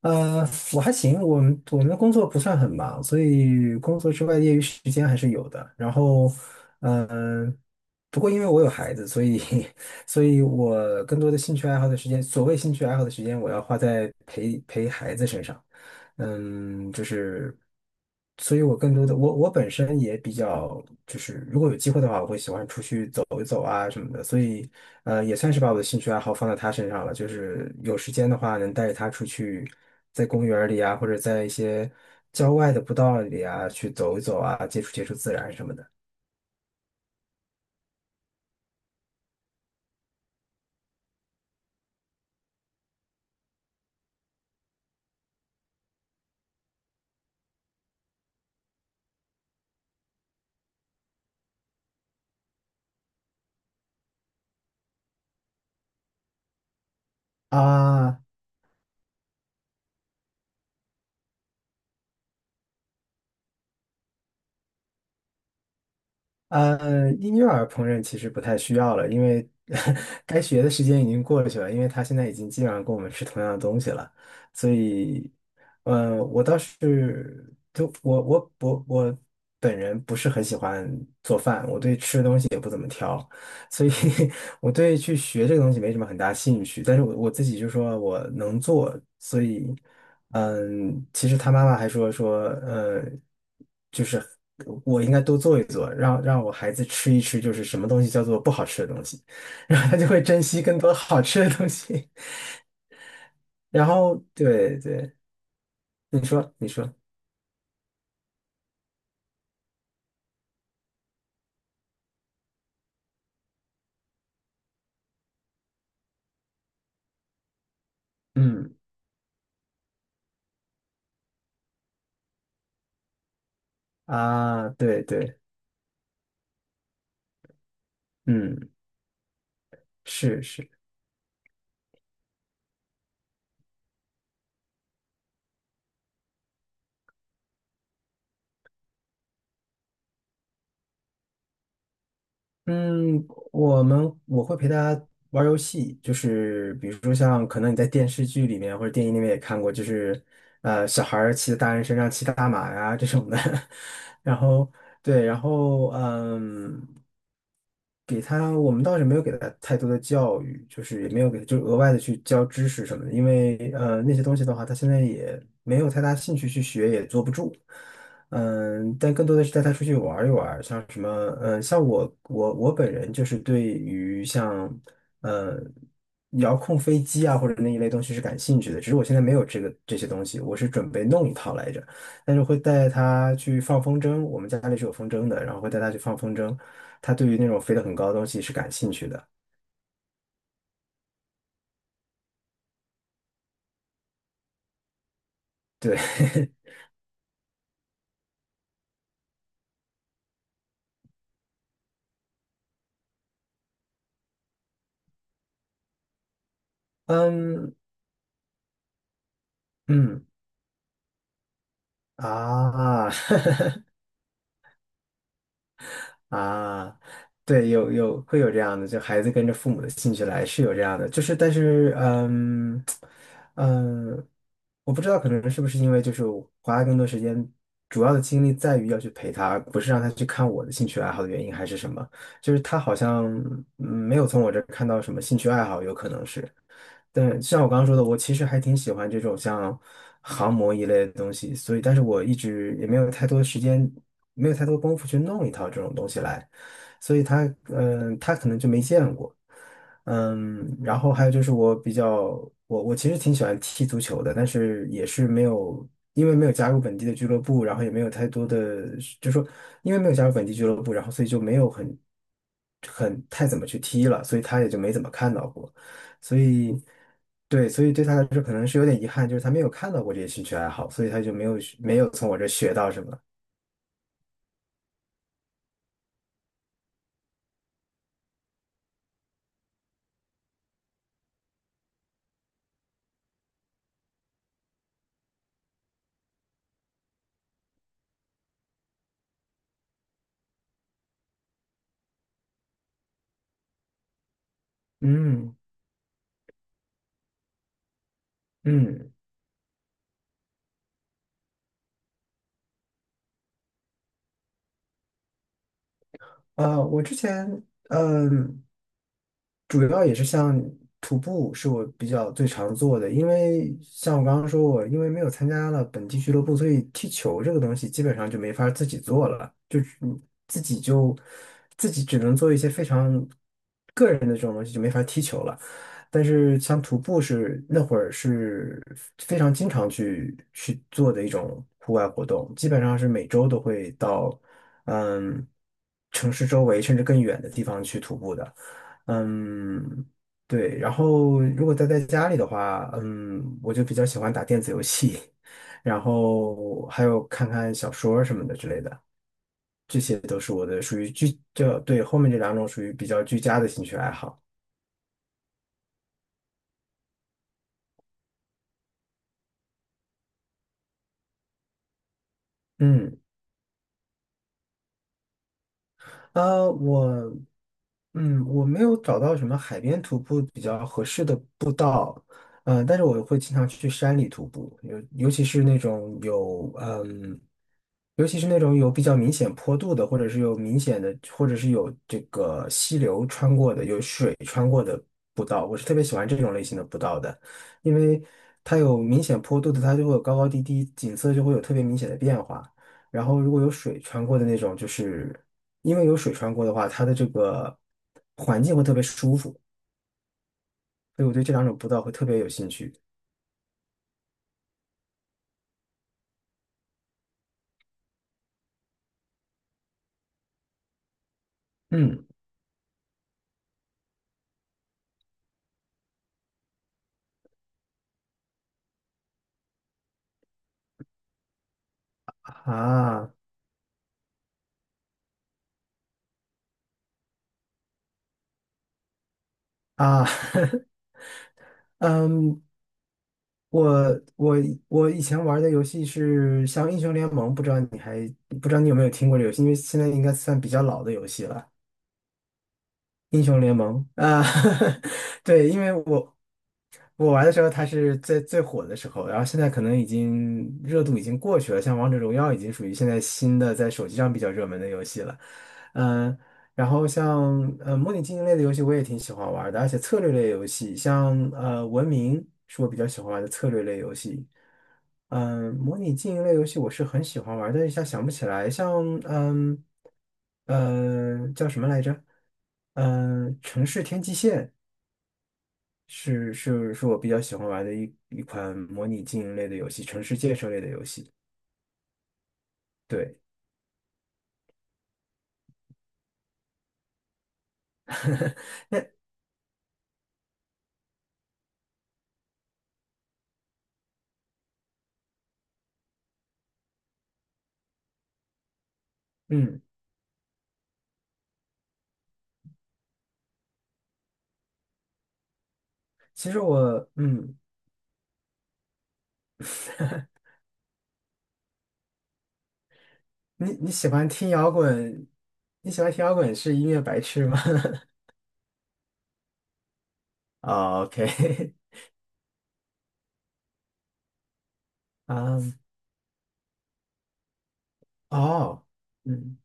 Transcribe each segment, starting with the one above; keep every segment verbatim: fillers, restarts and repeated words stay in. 呃，我还行，我们我们的工作不算很忙，所以工作之外业余时间还是有的。然后，嗯、不过因为我有孩子，所以 所以我更多的兴趣爱好的时间，所谓兴趣爱好的时间，我要花在陪陪孩子身上。嗯，就是，所以我更多的我我本身也比较就是，如果有机会的话，我会喜欢出去走一走啊什么的，所以呃也算是把我的兴趣爱好放在他身上了，就是有时间的话能带着他出去，在公园儿里啊，或者在一些郊外的步道里啊去走一走啊，接触接触自然什么的啊。呃，婴幼儿烹饪其实不太需要了，因为 该学的时间已经过去了，因为他现在已经基本上跟我们吃同样的东西了，所以，呃，我倒是就我我我我本人不是很喜欢做饭，我对吃的东西也不怎么挑，所以 我对去学这个东西没什么很大兴趣。但是我我自己就说我能做，所以。嗯，其实他妈妈还说说，呃，就是我应该多做一做，让让我孩子吃一吃，就是什么东西叫做不好吃的东西，然后他就会珍惜更多好吃的东西。然后，对对，你说你说，嗯啊，对对，嗯，是是。嗯，我们我会陪他玩儿游戏，就是比如说像可能你在电视剧里面或者电影里面也看过，就是呃小孩儿骑在大人身上骑大马呀这种的，然后对，然后嗯，给他我们倒是没有给他太多的教育，就是也没有给就额外的去教知识什么的，因为呃那些东西的话，他现在也没有太大兴趣去学，也坐不住。嗯，但更多的是带他出去玩儿一玩儿像什么，嗯，像我我我本人就是对于像，呃，遥控飞机啊或者那一类东西是感兴趣的，只是我现在没有这个这些东西，我是准备弄一套来着，但是会带他去放风筝，我们家里是有风筝的，然后会带他去放风筝，他对于那种飞得很高的东西是感兴趣的，对，嗯嗯啊，啊，对，有有会有这样的，就孩子跟着父母的兴趣来，是有这样的，就是但是，嗯嗯，我不知道可能是不是因为就是我花更多时间，主要的精力在于要去陪他，而不是让他去看我的兴趣爱好的原因，还是什么？就是他好像嗯没有从我这儿看到什么兴趣爱好，有可能是。但像我刚刚说的，我其实还挺喜欢这种像航模一类的东西，所以但是我一直也没有太多时间没有太多功夫去弄一套这种东西来，所以他嗯、呃他可能就没见过，嗯，然后还有就是我比较我我其实挺喜欢踢足球的，但是也是没有因为没有加入本地的俱乐部，然后也没有太多的就是说因为没有加入本地俱乐部，然后所以就没有很很太怎么去踢了，所以他也就没怎么看到过，所以。对，所以对他来说可能是有点遗憾，就是他没有看到过这些兴趣爱好，所以他就没有没有从我这学到什么。嗯。嗯，呃，我之前嗯、主要也是像徒步是我比较最常做的，因为像我刚刚说过我因为没有参加了本地俱乐部，所以踢球这个东西基本上就没法儿自己做了，就是你自己就自己只能做一些非常个人的这种东西，就没法儿踢球了。但是像徒步是那会儿是非常经常去去做的一种户外活动，基本上是每周都会到嗯城市周围甚至更远的地方去徒步的。嗯，对。然后如果待在家里的话，嗯，我就比较喜欢打电子游戏，然后还有看看小说儿什么的之类的，这些都是我的属于居，这，对，后面这两种属于比较居家的兴趣爱好。嗯。呃，我，嗯，我没有找到什么海边徒步比较合适的步道，呃，但是我会经常去山里徒步，尤尤其是那种有，嗯，尤其是那种有比较明显坡度的，或者是有明显的，或者是有这个溪流穿过的，有水穿过的步道，我是特别喜欢这种类型的步道的，因为它有明显坡度的，它就会有高高低低，景色就会有特别明显的变化。然后如果有水穿过的那种，就是因为有水穿过的话，它的这个环境会特别舒服，所以我对这两种步道会特别有兴趣。嗯啊啊，嗯，我我我以前玩的游戏是像英雄联盟，不知道你还不知道你有没有听过这个游戏，因为现在应该算比较老的游戏了。英雄联盟啊，对，因为我我玩的时候它是最最火的时候，然后现在可能已经热度已经过去了，像王者荣耀已经属于现在新的在手机上比较热门的游戏了，嗯、然后像呃模拟经营类的游戏我也挺喜欢玩的，而且策略类游戏，像呃文明是我比较喜欢玩的策略类游戏。嗯，模拟经营类游戏我是很喜欢玩，但一下想不起来。像嗯呃叫什么来着？嗯，城市天际线是是是我比较喜欢玩的一一款模拟经营类的游戏，城市建设类的游戏。对，那嗯，其实我嗯。你你喜欢听摇滚？你喜欢听摇滚是音乐白痴吗？哦，OK,啊，哦，嗯，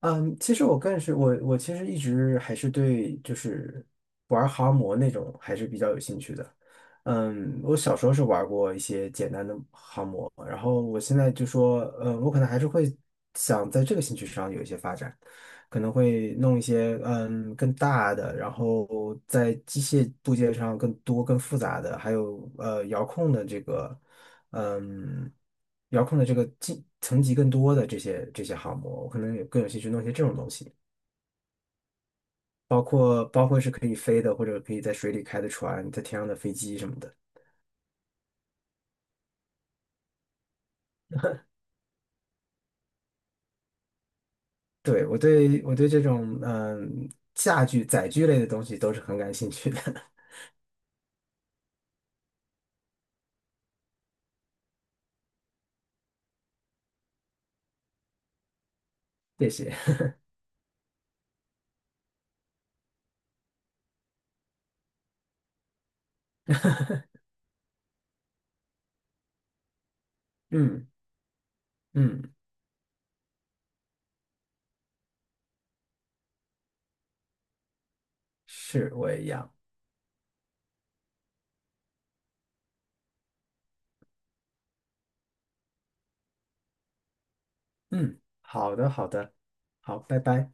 嗯，其实我更是我我其实一直还是对就是玩航模那种还是比较有兴趣的。嗯，我小时候是玩过一些简单的航模，然后我现在就说，嗯，我可能还是会想在这个兴趣上有一些发展，可能会弄一些嗯更大的，然后在机械部件上更多、更复杂的，还有呃遥控的这个。嗯，遥控的这个进层级更多的这些这些航模，我可能有更有兴趣弄一些这种东西，包括包括是可以飞的，或者可以在水里开的船，在天上的飞机什么的。对，我对我对这种嗯驾具载具类的东西都是很感兴趣的。谢谢。嗯嗯，是我也一样。嗯，好的好的，好，拜拜。